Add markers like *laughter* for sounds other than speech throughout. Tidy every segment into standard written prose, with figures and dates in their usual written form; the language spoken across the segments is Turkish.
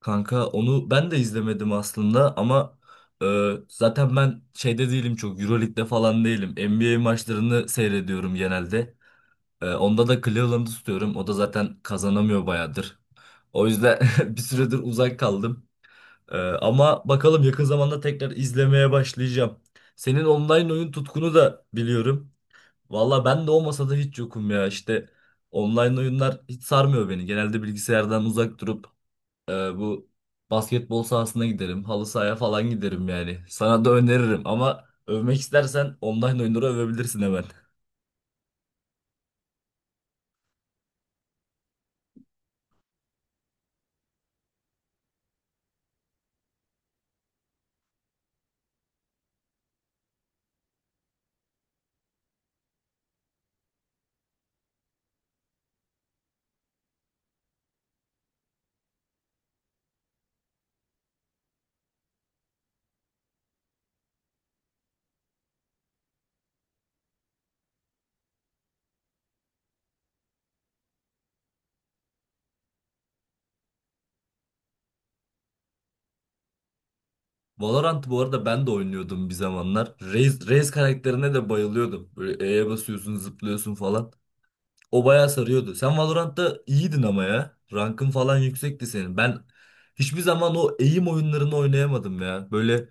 Kanka onu ben de izlemedim aslında ama zaten ben şeyde değilim çok Euroleague'de falan değilim. NBA maçlarını seyrediyorum genelde. Onda da Cleveland'ı tutuyorum. O da zaten kazanamıyor bayağıdır. O yüzden *laughs* bir süredir uzak kaldım. Ama bakalım yakın zamanda tekrar izlemeye başlayacağım. Senin online oyun tutkunu da biliyorum. Valla ben de olmasa da hiç yokum ya işte. Online oyunlar hiç sarmıyor beni. Genelde bilgisayardan uzak durup bu basketbol sahasına giderim. Halı sahaya falan giderim yani. Sana da öneririm ama övmek istersen online oyunları övebilirsin hemen. Valorant bu arada ben de oynuyordum bir zamanlar. Raze karakterine de bayılıyordum. Böyle E'ye basıyorsun, zıplıyorsun falan. O bayağı sarıyordu. Sen Valorant'ta iyiydin ama ya. Rankın falan yüksekti senin. Ben hiçbir zaman o eğim oyunlarını oynayamadım ya. Böyle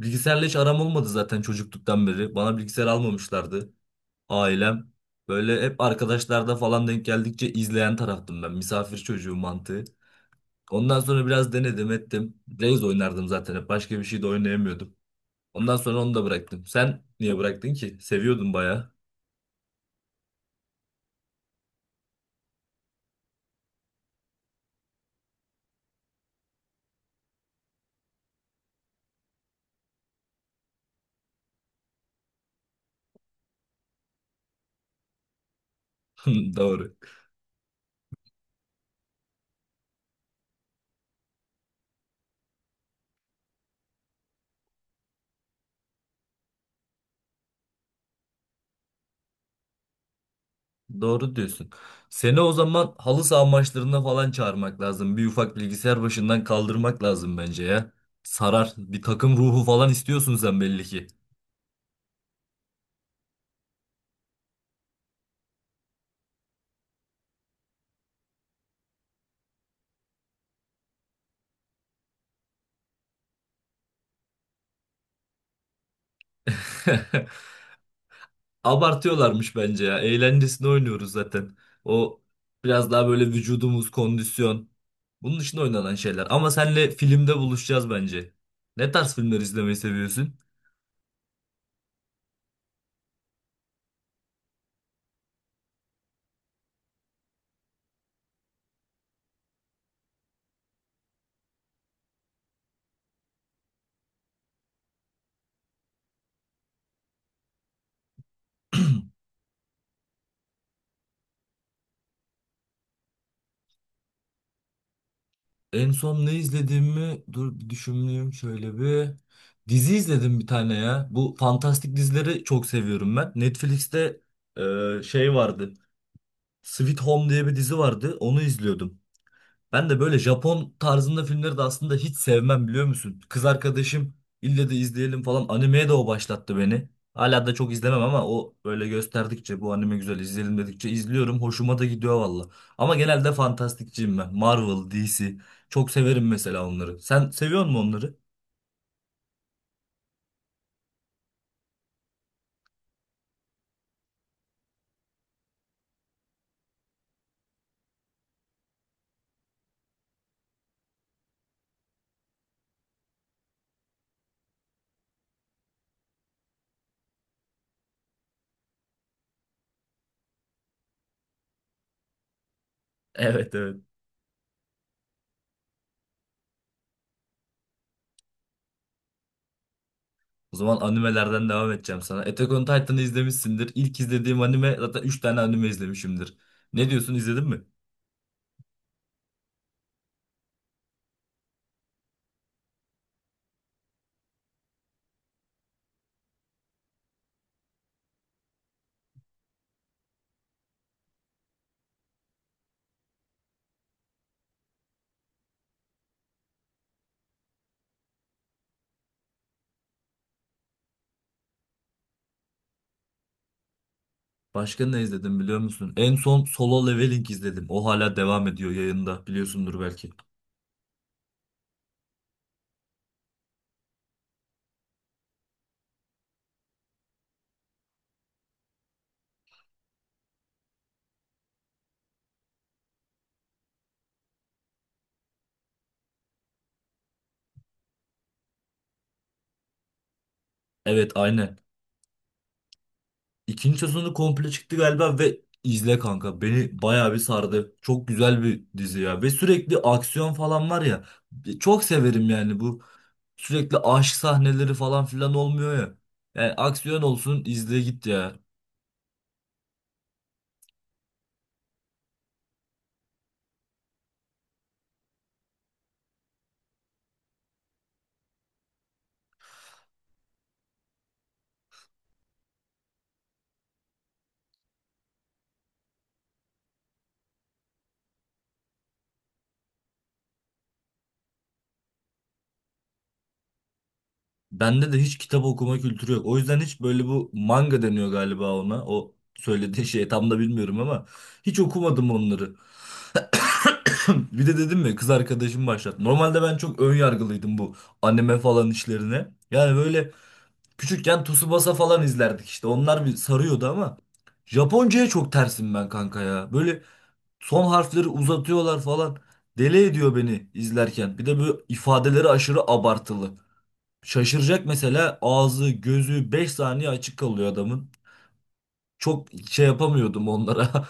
bilgisayarla hiç aram olmadı zaten çocukluktan beri. Bana bilgisayar almamışlardı. Ailem böyle hep arkadaşlarda falan denk geldikçe izleyen taraftım ben. Misafir çocuğu mantığı. Ondan sonra biraz denedim ettim. Reis oynardım zaten hep. Başka bir şey de oynayamıyordum. Ondan sonra onu da bıraktım. Sen niye bıraktın ki? Seviyordun bayağı. *laughs* Doğru. Doğru diyorsun. Seni o zaman halı saha maçlarına falan çağırmak lazım. Bir ufak bilgisayar başından kaldırmak lazım bence ya. Sarar. Bir takım ruhu falan istiyorsun sen belli ki. *laughs* Abartıyorlarmış bence ya. Eğlencesini oynuyoruz zaten. O biraz daha böyle vücudumuz, kondisyon. Bunun için oynanan şeyler. Ama senle filmde buluşacağız bence. Ne tarz filmler izlemeyi seviyorsun? En son ne izlediğimi dur bir düşüneyim şöyle bir. Dizi izledim bir tane ya. Bu fantastik dizileri çok seviyorum ben. Netflix'te şey vardı. Sweet Home diye bir dizi vardı. Onu izliyordum. Ben de böyle Japon tarzında filmleri de aslında hiç sevmem biliyor musun? Kız arkadaşım ille de izleyelim falan animeye de o başlattı beni. Hala da çok izlemem ama o böyle gösterdikçe bu anime güzel izleyelim dedikçe izliyorum. Hoşuma da gidiyor valla. Ama genelde fantastikçiyim ben. Marvel, DC. Çok severim mesela onları. Sen seviyor musun onları? *laughs* Evet, evet. O zaman animelerden devam edeceğim sana. Attack on Titan'ı izlemişsindir. İlk izlediğim anime zaten 3 tane anime izlemişimdir. Ne diyorsun izledin mi? Başka ne izledim biliyor musun? En son Solo Leveling izledim. O hala devam ediyor yayında. Biliyorsundur belki. Evet, aynen. İkinci sezonu komple çıktı galiba ve izle kanka. Beni bayağı bir sardı. Çok güzel bir dizi ya. Ve sürekli aksiyon falan var ya. Çok severim yani bu. Sürekli aşk sahneleri falan filan olmuyor ya. Yani aksiyon olsun izle git ya. Bende de hiç kitap okuma kültürü yok. O yüzden hiç böyle bu manga deniyor galiba ona. O söylediği şey tam da bilmiyorum ama hiç okumadım onları. *laughs* Bir de dedim mi kız arkadaşım başlattı. Normalde ben çok ön yargılıydım bu anime falan işlerine. Yani böyle küçükken Tsubasa falan izlerdik işte. Onlar bir sarıyordu ama Japonca'ya çok tersim ben kanka ya. Böyle son harfleri uzatıyorlar falan. Deli ediyor beni izlerken. Bir de bu ifadeleri aşırı abartılı. Şaşıracak mesela ağzı, gözü 5 saniye açık kalıyor adamın. Çok şey yapamıyordum onlara.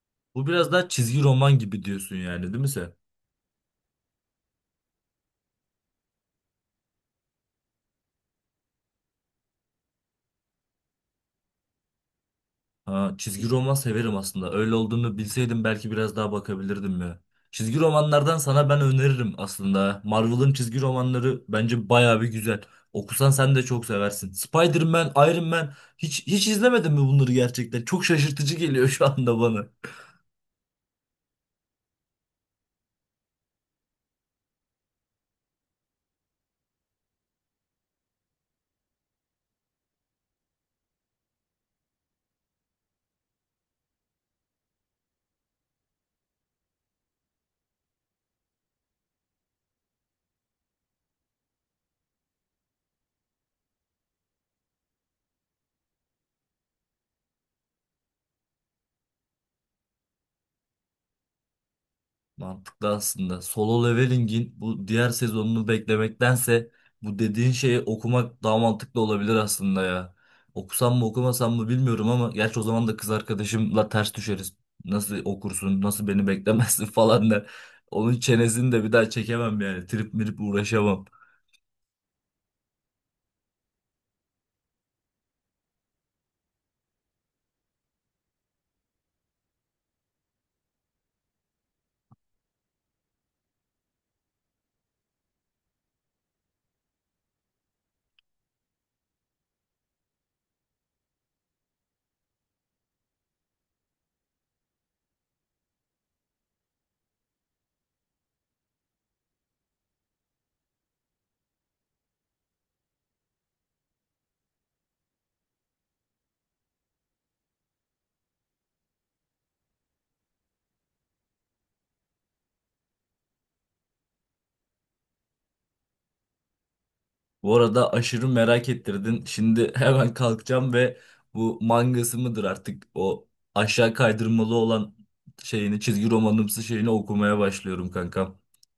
*laughs* Bu biraz daha çizgi roman gibi diyorsun yani değil mi sen? Ha, çizgi roman severim aslında. Öyle olduğunu bilseydim belki biraz daha bakabilirdim ya. Çizgi romanlardan sana ben öneririm aslında. Marvel'ın çizgi romanları bence bayağı bir güzel. Okusan sen de çok seversin. Spider-Man, Iron Man hiç izlemedin mi bunları gerçekten? Çok şaşırtıcı geliyor *laughs* şu anda bana. Mantıklı aslında. Solo leveling'in bu diğer sezonunu beklemektense bu dediğin şeyi okumak daha mantıklı olabilir aslında ya. Okusam mı okumasam mı bilmiyorum ama gerçi o zaman da kız arkadaşımla ters düşeriz. Nasıl okursun, nasıl beni beklemezsin *laughs* falan der. Onun çenesini de bir daha çekemem yani. Trip mirip uğraşamam. Bu arada aşırı merak ettirdin. Şimdi *laughs* hemen kalkacağım ve bu mangası mıdır artık o aşağı kaydırmalı olan şeyini çizgi romanımsı şeyini okumaya başlıyorum kankam.